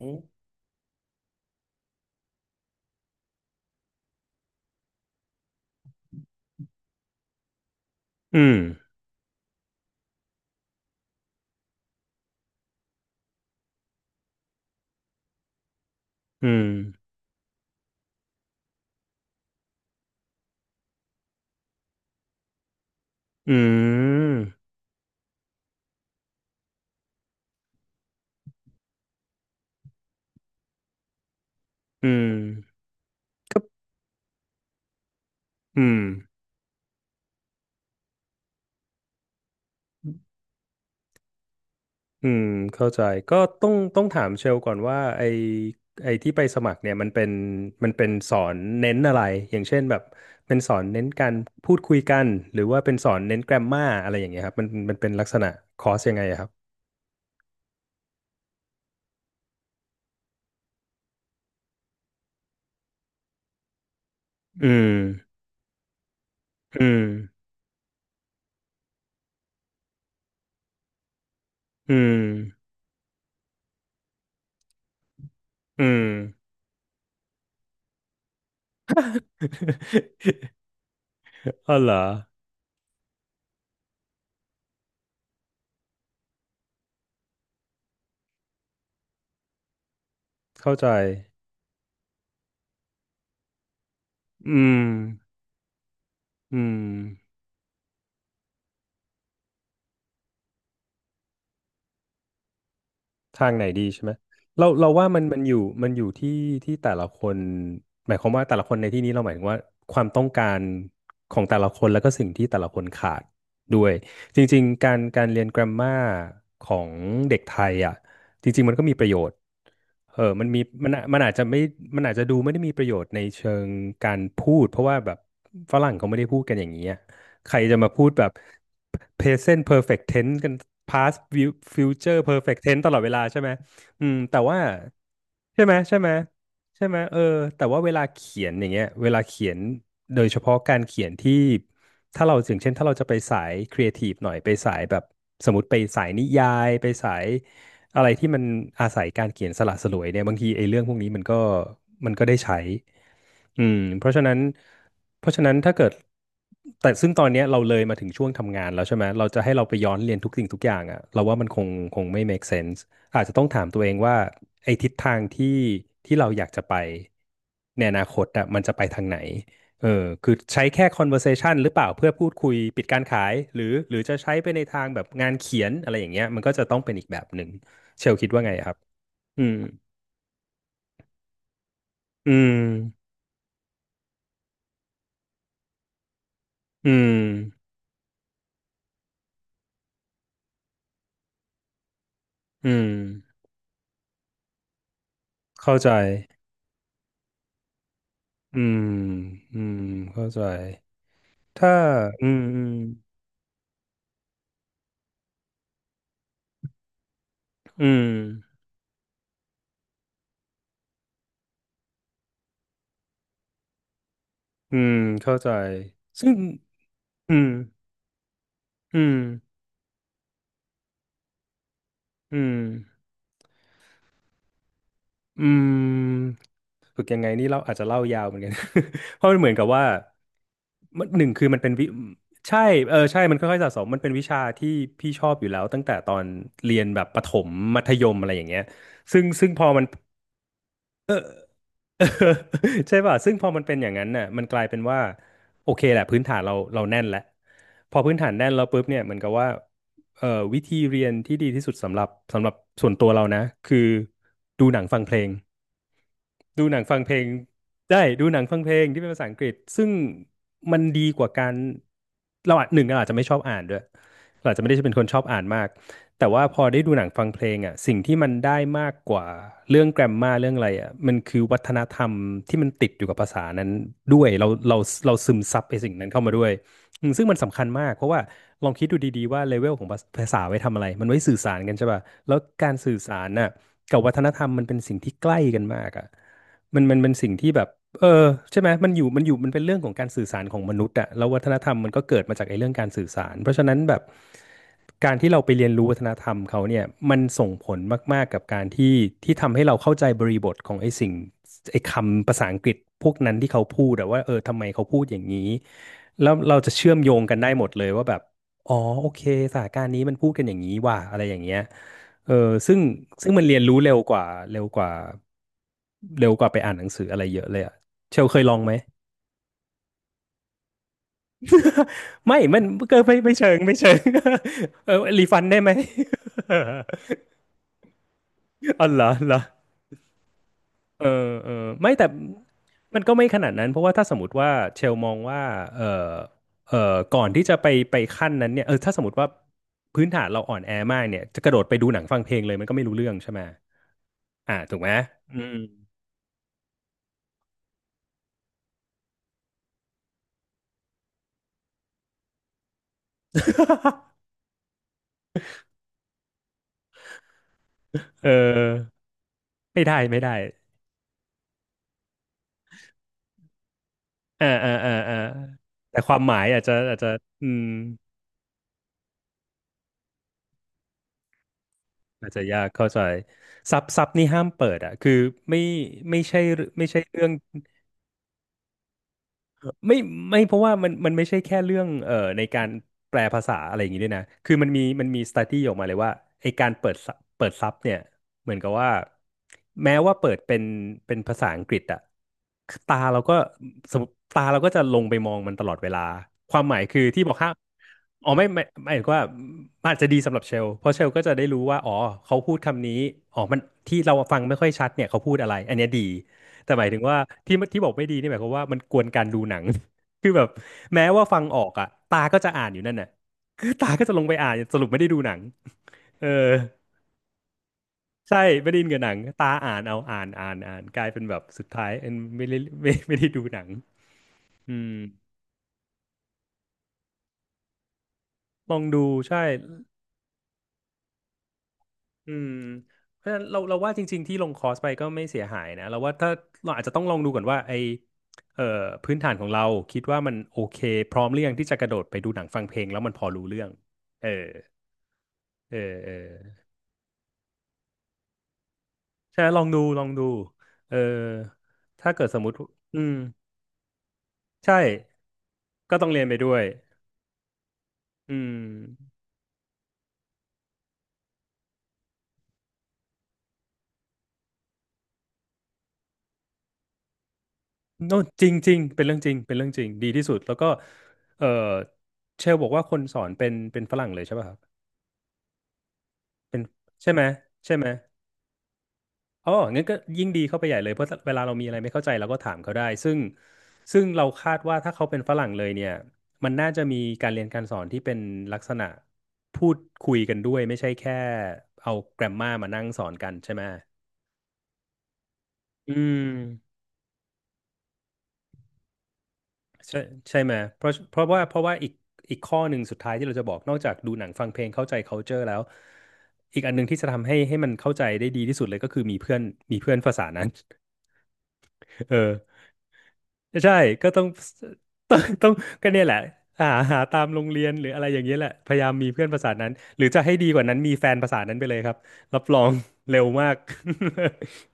อืมอืมอืมอืมอืมอืมเข้าใจ ก็ต้องถามเชลก่อนว่าไอที่ไปสมัครเนี่ยมันเป็นสอนเน้นอะไรอย่างเช่นแบบเป็นสอนเน้นการพูดคุยกันหรือว่าเป็นสอนเน้นแกรมมาอะไรอย่างเงี้ยครับมันเป็นลักษณะคอร์สยังไงอะครับอืมอืมอืมอืม อ๋อเหรอเข้าใจอืมอืม ทางไหนดีใช่ไหมเราว่ามันอยู่ที่ที่แต่ละคนหมายความว่าแต่ละคนในที่นี้เราหมายถึงว่าความต้องการของแต่ละคนแล้วก็สิ่งที่แต่ละคนขาดด้วยจริงๆการเรียนกร มมาของเด็กไทยอ่ะจริงๆมันก็มีประโยชน์เออมันมีมันอะมันอาจจะไม่มันอาจจะดูไม่ได้มีประโยชน์ในเชิงการพูดเพราะว่าแบบฝรั่งเขาไม่ได้พูดกันอย่างนี้อะ ใครจะมาพูดแบบ present perfect tense กัน future perfect tense ตลอดเวลาใช่ไหมอืมแต่ว่าใช่ไหมใช่ไหมเออแต่ว่าเวลาเขียนอย่างเงี้ยเวลาเขียนโดยเฉพาะการเขียนที่ถ้าเราอย่างเช่นถ้าเราจะไปสายครีเอทีฟหน่อยไปสายแบบสมมติไปสายนิยายไปสาย อะไรที่มันอาศัยการเขียนสละสลวยเนี่ยบางทีไอ้เรื่องพวกนี้มันก็ได้ใช้อืมเพราะฉะนั้นเพราะฉะนั้นถ้าเกิดแต่ซึ่งตอนเนี้ยเราเลยมาถึงช่วงทำงานแล้วใช่ไหม เราจะให้เราไปย้อนเรียนทุกสิ่งทุกอย่างอ่ะเราว่ามันคงคงไม่ make sense อาจจะต้องถามตัวเองว่าไอ้ทิศทางที่ที่เราอยากจะไปในอนาคตอ่ะมันจะไปทางไหนเออคือใช้แค่ conversation หรือเปล่าเพื่อพูดคุยปิดการขายหรือหรือจะใช้ไปในทางแบบงานเขียนอะไรอย่างเงี้ยมันก็จะต้องเป็นอีกแบบหนึ่ง เชลคิดว่าไงครับอืมอืมอืมอืมเข้าใจอืมอืมเข้าใจถ้าอืมอืมอืมอืมเข้าใจซึ่งอืมอืมอืมอืมฝึกยังไงนี่เราอาจจะเล่ายาวเหมือนกัน เพราะมันเหมือนกับว่ามันหนึ่งคือมันเป็นใช่เออใช่มันค่อยๆสะสมมันเป็นวิชาที่พี่ชอบอยู่แล้วตั้งแต่ตอนเรียนแบบประถมมัธยมอะไรอย่างเงี้ยซึ่งพอมัน ใช่ป่ะ ซึ่งพอมันเป็นอย่างนั้นน่ะมันกลายเป็นว่าโอเคแหละพื้นฐานเราแน่นแล้วพอพื้นฐานแน่นแล้วปุ๊บเนี่ยเหมือนกับว่าเอ่อวิธีเรียนที่ดีที่สุดสำหรับสำหรับส่วนตัวเรานะคือดูหนังฟังเพลง ดูหนังฟังเพลงได้ดูหนังฟังเพลงที่เป็นภาษาอังกฤษซึ่งมันดีกว่าการเราอาจหนึ่งเราอาจจะไม่ชอบอ่านด้วยเราอาจจะไม่ได้เป็นคนชอบอ่านมากแต่ว่าพอได้ดูหนังฟังเพลงอ่ะสิ่งที่มันได้มากกว่าเรื่องแกรมมาเรื่องอะไรอ่ะมันคือวัฒนธรรมที่มันติดอยู่กับภาษานั้นด้วยเราซึมซับไอ้สิ่งนั้นเข้ามาด้วยอืมซึ่งมันสำคัญมากเพราะว่าลองคิดดูดีๆว่าเลเวลของภาษาไว้ทำอะไรมันไว้สื่อสารกันใช่ป่ะแล้วการสื่อสารน่ะกับวัฒนธรรมมันเป็นสิ่งที่ใกล้กันมากอ่ะ มันเป็นสิ่งที่แบบเออใช่ไหมมันอยู่มันเป็นเรื่องของการสื่อสารของมนุษย์อะแล้ววัฒนธรรมมันก็เกิดมาจากไอ้เรื่องการสื่อสารเพราะฉะนั้นแบบการที่เราไปเรียนรู้วัฒนธรรมเขาเนี่ยมันส่งผลมากๆกับการที่ที่ทำให้เราเข้าใจบริบทของไอ้สิ่งไอ้คำภาษาอังกฤษพวกนั้นที่เขาพูดอะว่าเออทำไมเขาพูดอย่างนี้แล้วเราจะเชื่อมโยงกันได้หมดเลยว่าแบบอ๋อโอเคสถานการณ์นี้มันพูดกันอย่างนี้ว่ะอะไรอย่างเงี้ย เออซึ่งซึ่งมันเรียนรู้เร็วกว่าเร็วกว่าเร็วกว่าไปอ่านหนังสืออะไรเยอะเลยอะเชลเคยลองไหม ไม่มันก็ไม่เชิง เออรีฟันได้ไหม อ๋อเหรอเหรอเออเออไม่แต่มันก็ไม่ขนาดนั้นเพราะว่าถ้าสมมติว่าเชลมองว่าเออเออก่อนที่จะไปขั้นนั้นเนี่ยถ้าสมมติว่าพื้นฐานเราอ่อนแอมากเนี่ยจะกระโดดไปดูหนังฟังเพลงเลยมันก็ไม่รู้เรื่องใช่ไหมอ่าถูกไหมอืม เออ ไม่ได้อ่าอ่าอ่าอ่าแต่ความหมายอาจจะอืมอาจจะยากเข้าใจซับนี่ห้ามเปิดอ่ะคือไม่ไม่ใช่ไม่ใช่เรื่อง ไม่ไม่เพราะว่ามันไม่ใช่แค่เรื่องในการแปลภาษาอะไรอย่างนี้ด้วยนะคือมันมี study ออกมาเลยว่าไอการเปิดซับเนี่ยเหมือนกับว่าแม้ว่าเปิดเป็นภาษาอังกฤษอะตาเราก็สมมติตาเราก็จะลงไปมองมันตลอดเวลาความหมายคือที่บอกห้ามอ๋อไม่ไม่หมายถึงว่ามันอาจจะดีสำหรับเชลเพราะเชลก็จะได้รู้ว่าอ๋อเขาพูดคำนี้อ๋อมันที่เราฟังไม่ค่อยชัดเนี่ยเขาพูดอะไรอันเนี้ยดี แต่หมายถึงว่าที่บอกไม่ดีนี่หมายความว่ามันกวนการดูหนัง คือแบบแม้ว่าฟังออกอ่ะตาก็จะอ่านอยู่นั่นน่ะคือตาก็จะลงไปอ่านสรุปไม่ได้ดูหนังเออใช่ไม่ได้อินกับหนังตาอ่านเอาอ่านอ่านอ่านกลายเป็นแบบสุดท้ายเอ็นไม่ได้ไม่ได้ดูหนังอืมลองดูใช่ อืมเพราะฉะนั้นเราว่าจริงๆที่ลงคอร์สไปก็ไม่เสียหายนะเราว่าถ้าเราอาจจะต้องลองดูก่อนว่าไอเอ่อพื้นฐานของเราคิดว่ามันโอเคพร้อมหรือยังที่จะกระโดดไปดูหนังฟังเพลงแล้วมันพอรู้เรื่องเออเออเออใช่ลองดูลองดูเออถ้าเกิดสมมติอืมใช่ก็ต้องเรียนไปด้วยอืมโน่จริงจริงเป็นเรื่องจริงเป็นเรื่องจริงดีที่สุดแล้วก็เออเชลบอกว่าคนสอนเป็นฝรั่งเลยใช่ป่ะครับเป็นใช่ไหมใช่ไหม อ๋องั้นก็ยิ่งดีเข้าไปใหญ่เลยเพราะเวลาเรามีอะไรไม่เข้าใจเราก็ถามเขาได้ซึ่งเราคาดว่าถ้าเขาเป็นฝรั่งเลยเนี่ยมันน่าจะมีการเรียนการสอนที่เป็นลักษณะพูดคุยกันด้วยไม่ใช่แค่เอาแกรมมามานั่งสอนกันใช่ไหมอืมใช่ใช่ไหมเพราะเพราะว่าเพราะว่าอีกข้อหนึ่งสุดท้ายที่เราจะบอกนอกจากดูหนังฟังเพลงเข้าใจ culture แล้วอีกอันหนึ่งที่จะทำให้มันเข้าใจได้ดีที่สุดเลยก็คือมีเพื่อนมีเพื่อนภาษานั้น เออ ใช่ก็ต้อง ต้องก็เนี่ยแหละหาหาตามโรงเรียนหรืออะไรอย่างเงี้ยแหละพยายามมีเพื่อนภาษานั้นหรือจะให้ดีกว่านั้นมีแฟนภาษานั้นไปเลยครับรับรองเร็วมาก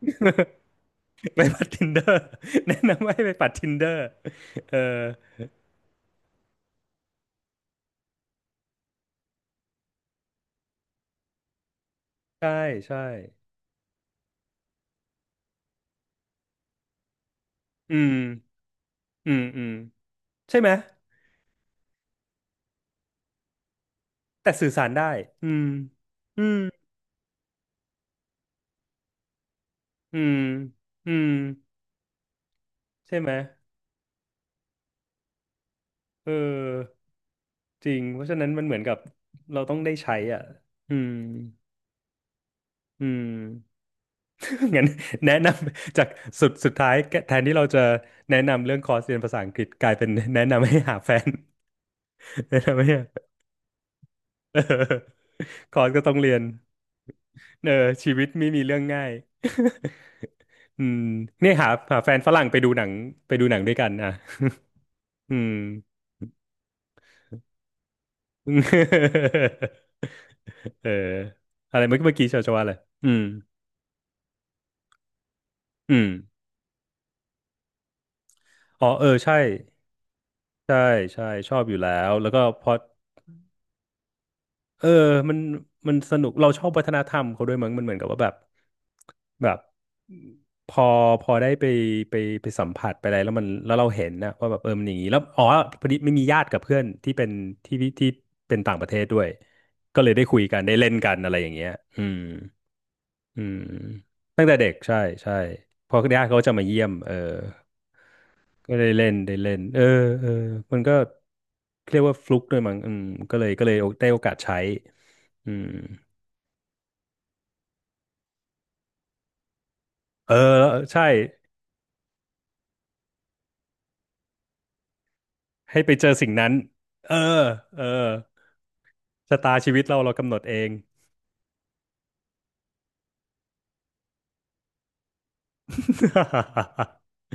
ไปปัด Tinder แนะนำให้ไปปัด Tinder เออใช่ใช่อืมอืมอืมใช่ไหมแต่สื่อสารได้อืมอืมอืมอืมใช่ไหมเออจริงเพราะฉะนั้นมันเหมือนกับเราต้องได้ใช้อ่ะอืม อืม งั้นแนะนำจากสุดท้ายแทนที่เราจะแนะนำเรื่องคอร์สเรียนภาษาอังกฤษกลายเป็นแนะนำให้หาแฟน แนะนำให้หา เออคอร์สก็ต้องเรียนเออชีวิตไม่มีเรื่องง่าย อืมเนี่ยหาหาแฟนฝรั่งไปดูหนังไปดูหนังด้วยกันอ่ะ อืม เอออะไรเมื่อกี้ชาวจะว่าอะไรอืมอืมอ๋อเออใช่ใช่ใช่ชอบอยู่แล้วแล้วก็พอ เออมันมันสนุก เราชอบวัฒนธรรมเขาด้วยมั้งมันเหมือนกับว่าแบบแบบพอพอได้ไปไปไปสัมผัสไปอะไรแล้วมันแล้วเราเห็นนะว่าแบบเออมันอย่างนี้แล้วอ๋อพอดีไม่มีญาติกับเพื่อนที่เป็นที่เป็นต่างประเทศด้วยก็เลยได้คุยกันได้เล่นกันอะไรอย่างเงี้ยอืมอืมตั้งแต่เด็กใช่ ใช่เพอญาติเขาจะมาเยี่ยมเออก็ได้เล่นเออเออมันก็เรียกว่าฟลุกด้วยมั้งอืมก็เลยได้โอกาสใช้อืม เออใช่ให้ไปเจอสิ่งนั้นเออเออชะตาชีวิตเรากำหนดเอง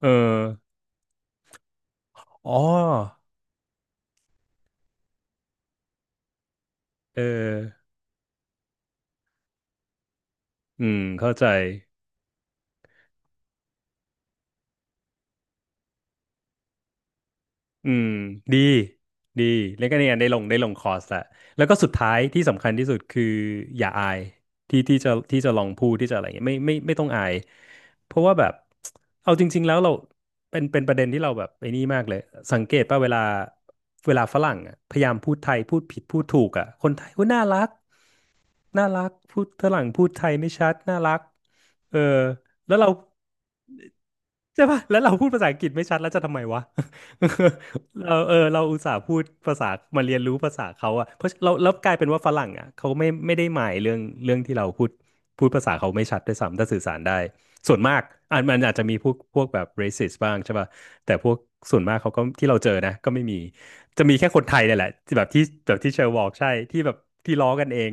เอออ๋อเอออืมเข้าใจ อืมดีดีแล้วก็เนี่ยได้ลงคอร์สละแล้วก็สุดท้ายที่สำคัญที่สุดคืออย่าอายที่จะลองพูดที่จะอะไรเงี้ยไม่ไม่ต้องอายเพราะว่าแบบเอาจริงๆแล้วเราเป็นประเด็นที่เราแบบไอ้นี่มากเลยสังเกตป่ะเวลาฝรั่งอะพยายามพูดไทยพูดผิดพูดถูกอ่ะคนไทยก็น่ารักน่ารักพูดฝรั่งพูดไทยไม่ชัดน่ารักเออแล้วเรา ใช่ป่ะแล้วเราพูดภาษาอังกฤษไม่ชัดแล้วจะทำไมวะ เราเออเราอุตส่าห์พูดภาษามาเรียนรู้ภาษาเขาอะเพราะเราแล้วกลายเป็นว่าฝรั่งอะเขาไม่ไม่ได้หมายเรื่องที่เราพูดพูดภาษาเขาไม่ชัดด้วยซ้ำถ้าสื่อสารได้ส่วนมากอ่ะมันอาจจะมีพวกแบบ racist บ้างใช่ป่ะแต่พวกส่วนมากเขาก็ที่เราเจอนะก็ไม่มีจะมีแค่คนไทยเนี่ยแหละที่แบบที่เชอร์บอกใช่ที่แบบที่ล้อกันเอง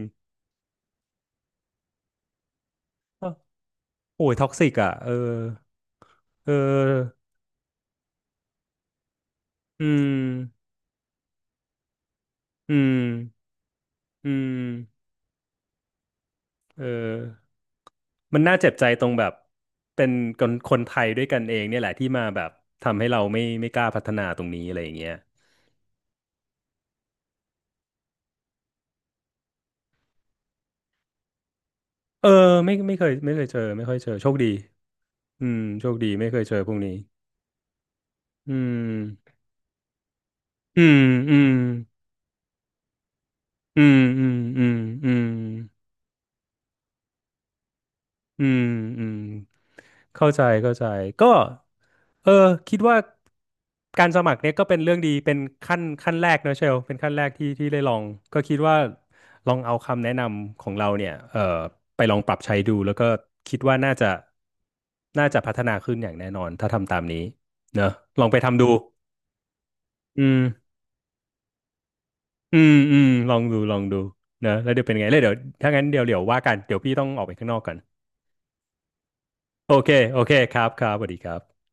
อ้าวโอ้ยท็อกซิกอะเออเอออืมอืมอืม เออมันน่าเจ็บใจตรงแบบเป็นคนไทยด้วยกันเองเนี่ยแหละที่มาแบบทำให้เราไม่กล้าพัฒนาตรงนี้อะไรอย่างเงี้ยเออไม่เคยเจอไม่ค่อยเจอโชคดีอืมโชคดีไม่เคยเจอพวกนี้อืมอืมอืมอืมอืมอืม อืมอืมเข้าใจเข้าใจก็เออคิดว่าการสมัครเนี่ยก็เป็นเรื่องดีเป็นขั้นแรกนะเชลเป็นขั้นแรกที่ที่ได้ลองก็คิดว่าลองเอาคำแนะนำของเราเนี่ยเออไปลองปรับใช้ดูแล้วก็คิดว่าน่าจะพัฒนาขึ้นอย่างแน่นอนถ้าทำตามนี้เนอะลองไปทำดูอืมอืมอืมลองดูลองดูเนะแล้วเดี๋ยวเป็นไงแล้วเดี๋ยวถ้างั้นเดี๋ยวว่ากันเดี๋ยวพี่ต้องออกไปข้างนอกก่อนโอเคโอเคครับครับสวัสดีครับ